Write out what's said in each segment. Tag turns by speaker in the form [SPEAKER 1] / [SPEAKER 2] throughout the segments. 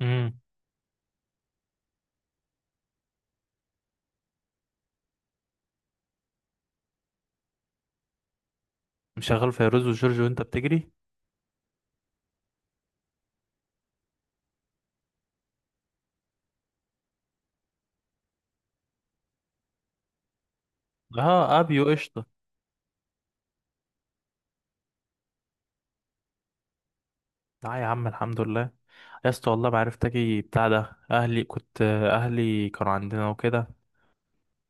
[SPEAKER 1] امم مشغل فيروز وجورج وانت بتجري. اه، ابيو قشطه. لا يا عم، الحمد لله. يا اسطى والله ما عرفت اجي بتاع ده، اهلي كانوا عندنا وكده،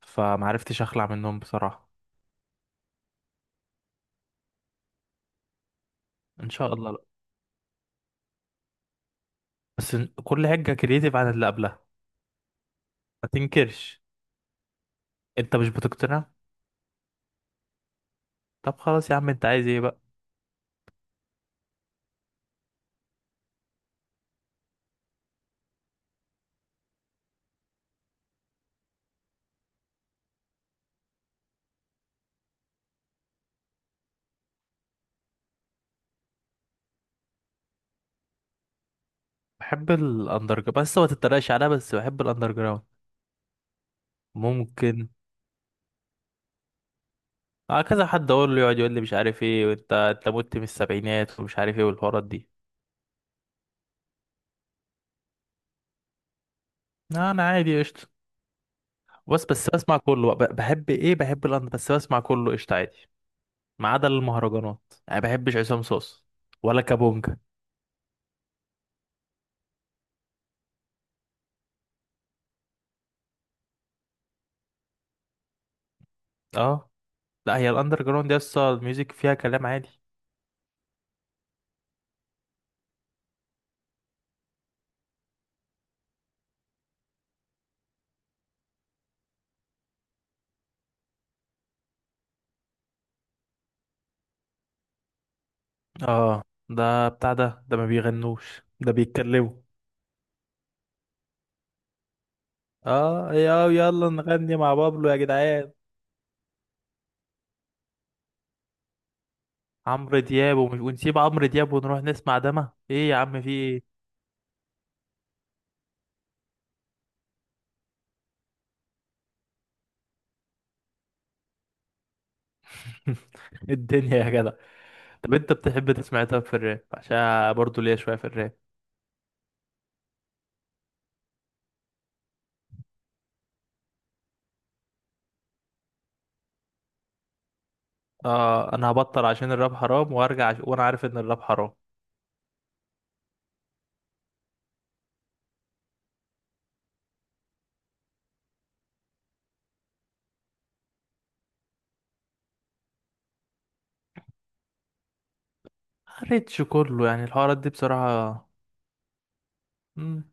[SPEAKER 1] فما عرفتش اخلع منهم بصراحه. ان شاء الله لا. بس كل حاجه كرييتيف عن اللي قبلها. ما تنكرش. انت مش بتقتنع؟ طب خلاص يا عم، انت عايز ايه بقى؟ بحب الاندر جراوند، بس ما تتريقش عليها. بس بحب الاندر جراوند. ممكن. اه، كذا حد اقول له يقعد يقول لي مش عارف ايه، وانت مت من السبعينات ومش عارف ايه والحوارات دي. لا انا عادي قشطة. بس بس بسمع كله بقى. بحب ايه، بحب الاندر، بس بسمع كله قشطة عادي. ما عدا المهرجانات يعني، ما بحبش عصام صوص ولا كابونجا. اه لا، هي الاندر جراوند دي اصلا الميوزك فيها كلام عادي. اه ده بتاع ده ما بيغنوش، ده بيتكلموا. اه، يا يلا نغني مع بابلو يا جدعان. عمرو دياب ومش ونسيب عمرو دياب ونروح نسمع دما ايه يا عم، في ايه؟ الدنيا يا جدع. طب انت بتحب تسمع إيه؟ طب في الراب، عشان برضه ليا شوية في الراب. اه انا هبطل عشان الراب حرام وارجع وانا عارف ان الراب حرام. قريتش كله يعني الحوارات دي بصراحة. مم.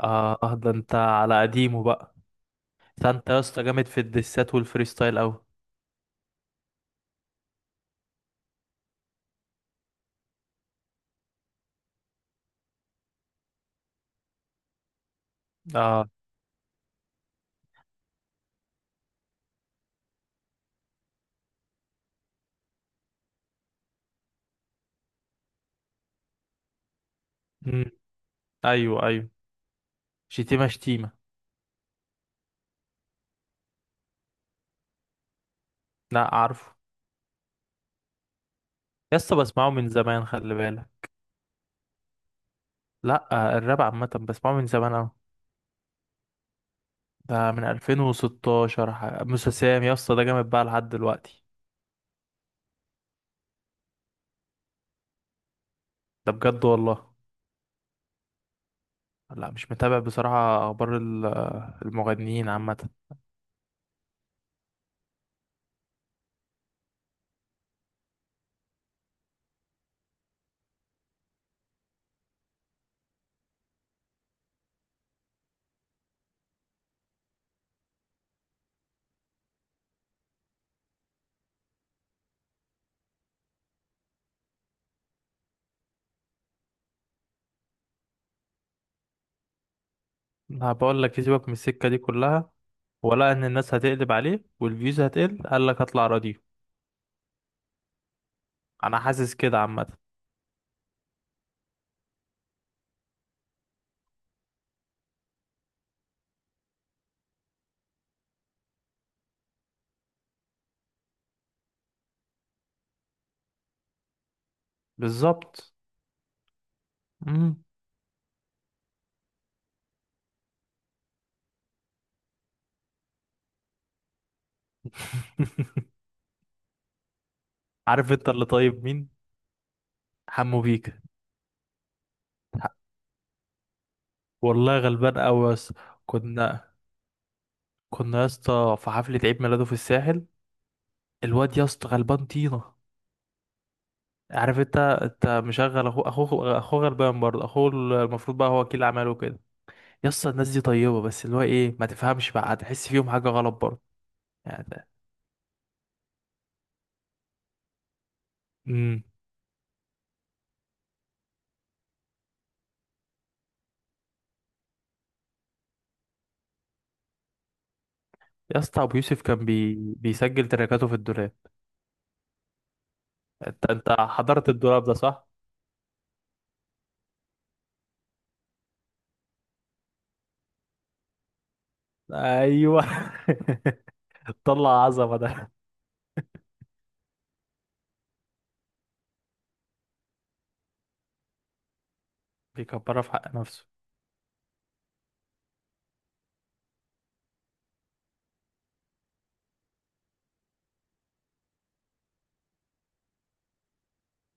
[SPEAKER 1] اه ده انت على قديمه بقى. ده انت يا اسطى جامد في الدسات والفريستايل اوي. اه. مم. ايوه ايوه. شتيمة شتيمة. لا عارفه. يا اسطى بسمعه من زمان، خلي بالك. لا، الراب عامة بسمعه من زمان اوي. ده من 2016، موسى سام يا اسطى ده جامد بقى لحد دلوقتي. ده بجد والله. لا مش متابع بصراحة اخبار المغنيين عامة. هبقول لك يسيبك من السكة دي كلها. ولا ان الناس هتقلب عليه والفيوز هتقل، قال لك هطلع رديف. انا حاسس كده عامة. بالظبط. مم. عارف انت، اللي طيب مين؟ حمو بيكا. والله غلبان قوي يا اسطى. كنا كنا يا اسطى في حفلة عيد ميلاده في الساحل. الواد يا اسطى غلبان طينة. عارف انت مشغل اخوه، اخوه اخوه غلبان برضه، اخوه المفروض بقى هو وكيل اعماله وكده. يا اسطى الناس دي طيبة، بس اللي هو ايه ما تفهمش بقى هتحس فيهم حاجة غلط برضه. يعني ده يا اسطى ابو يوسف كان بيسجل تراكاته في الدولاب. انت حضرت الدولاب ده صح؟ ايوه. طلع عظمه ده. بيكبرها في حق نفسه.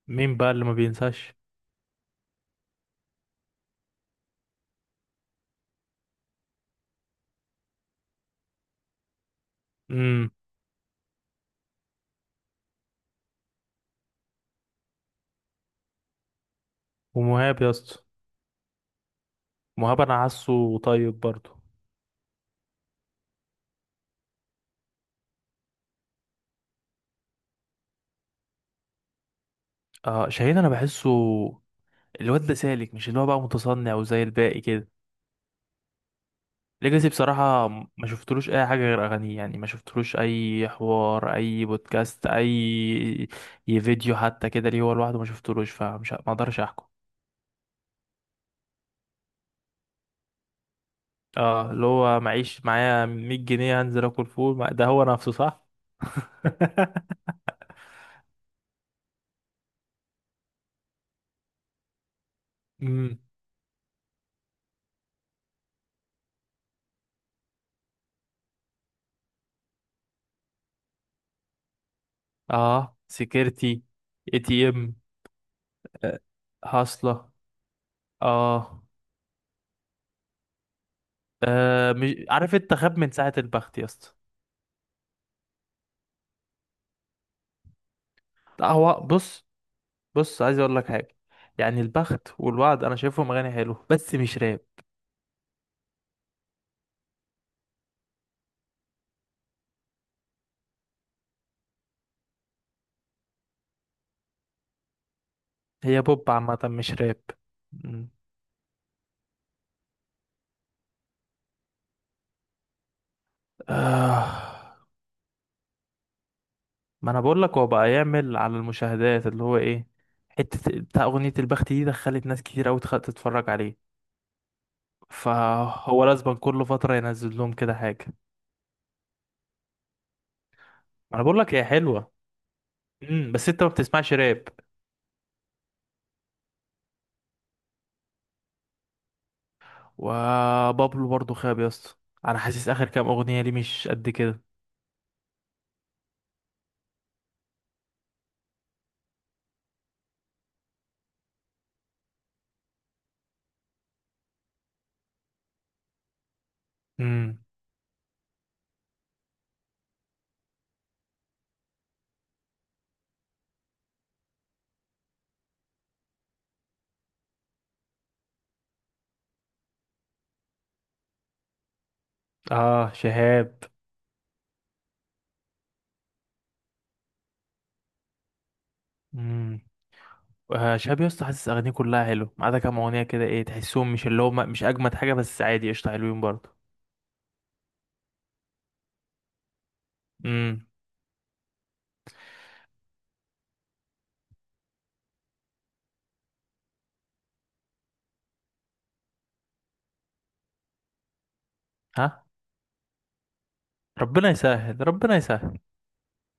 [SPEAKER 1] مين بقى اللي ما بينساش؟ امم. ومهاب يا اسطى. مهاب انا حاسه طيب برضه. آه شاهين انا بحسه. الواد ده سالك، مش اللي هو بقى متصنع وزي الباقي كده. ليجاسي بصراحة ما شفتلوش أي حاجة غير أغانيه، يعني ما شفتلوش أي حوار، أي بودكاست، أي فيديو حتى كده ليه هو لوحده ما شفتلوش، فمش ما أقدرش أحكم. اه اللي هو معيش معايا 100 جنيه هنزل اكل فول، ده هو نفسه صح. امم. اه سكيورتي. ATM. آه، هصلة. اه، آه. مش عارف انت خاب من ساعة البخت يا اسطى. لا هو بص. بص عايز اقول لك حاجة. يعني البخت والوعد انا شايفهم اغاني حلوه بس مش راب. هي بوب عامة مش راب. مم. آه. ما انا بقول لك هو بقى يعمل على المشاهدات اللي هو ايه. حتة بتاع اغنية البخت دي دخلت ناس كتير قوي تتفرج عليه. فهو لازم كل فترة ينزل لهم كده حاجة. ما انا بقول لك هي حلوة. امم، بس انت ما بتسمعش راب. وبابلو برضو خاب يا اسطى. انا حاسس اخر كام اغنية ليه مش قد كده. امم. اه شهاب. امم. آه شهاب يا اسطى، حاسس اغانيه كلها حلوه ما عدا كام اغنية كده ايه، تحسهم مش اللي هم مش اجمد حاجة بس عادي قشطة حلوين برضو. امم. ها. ربنا يسهل، ربنا يسهل.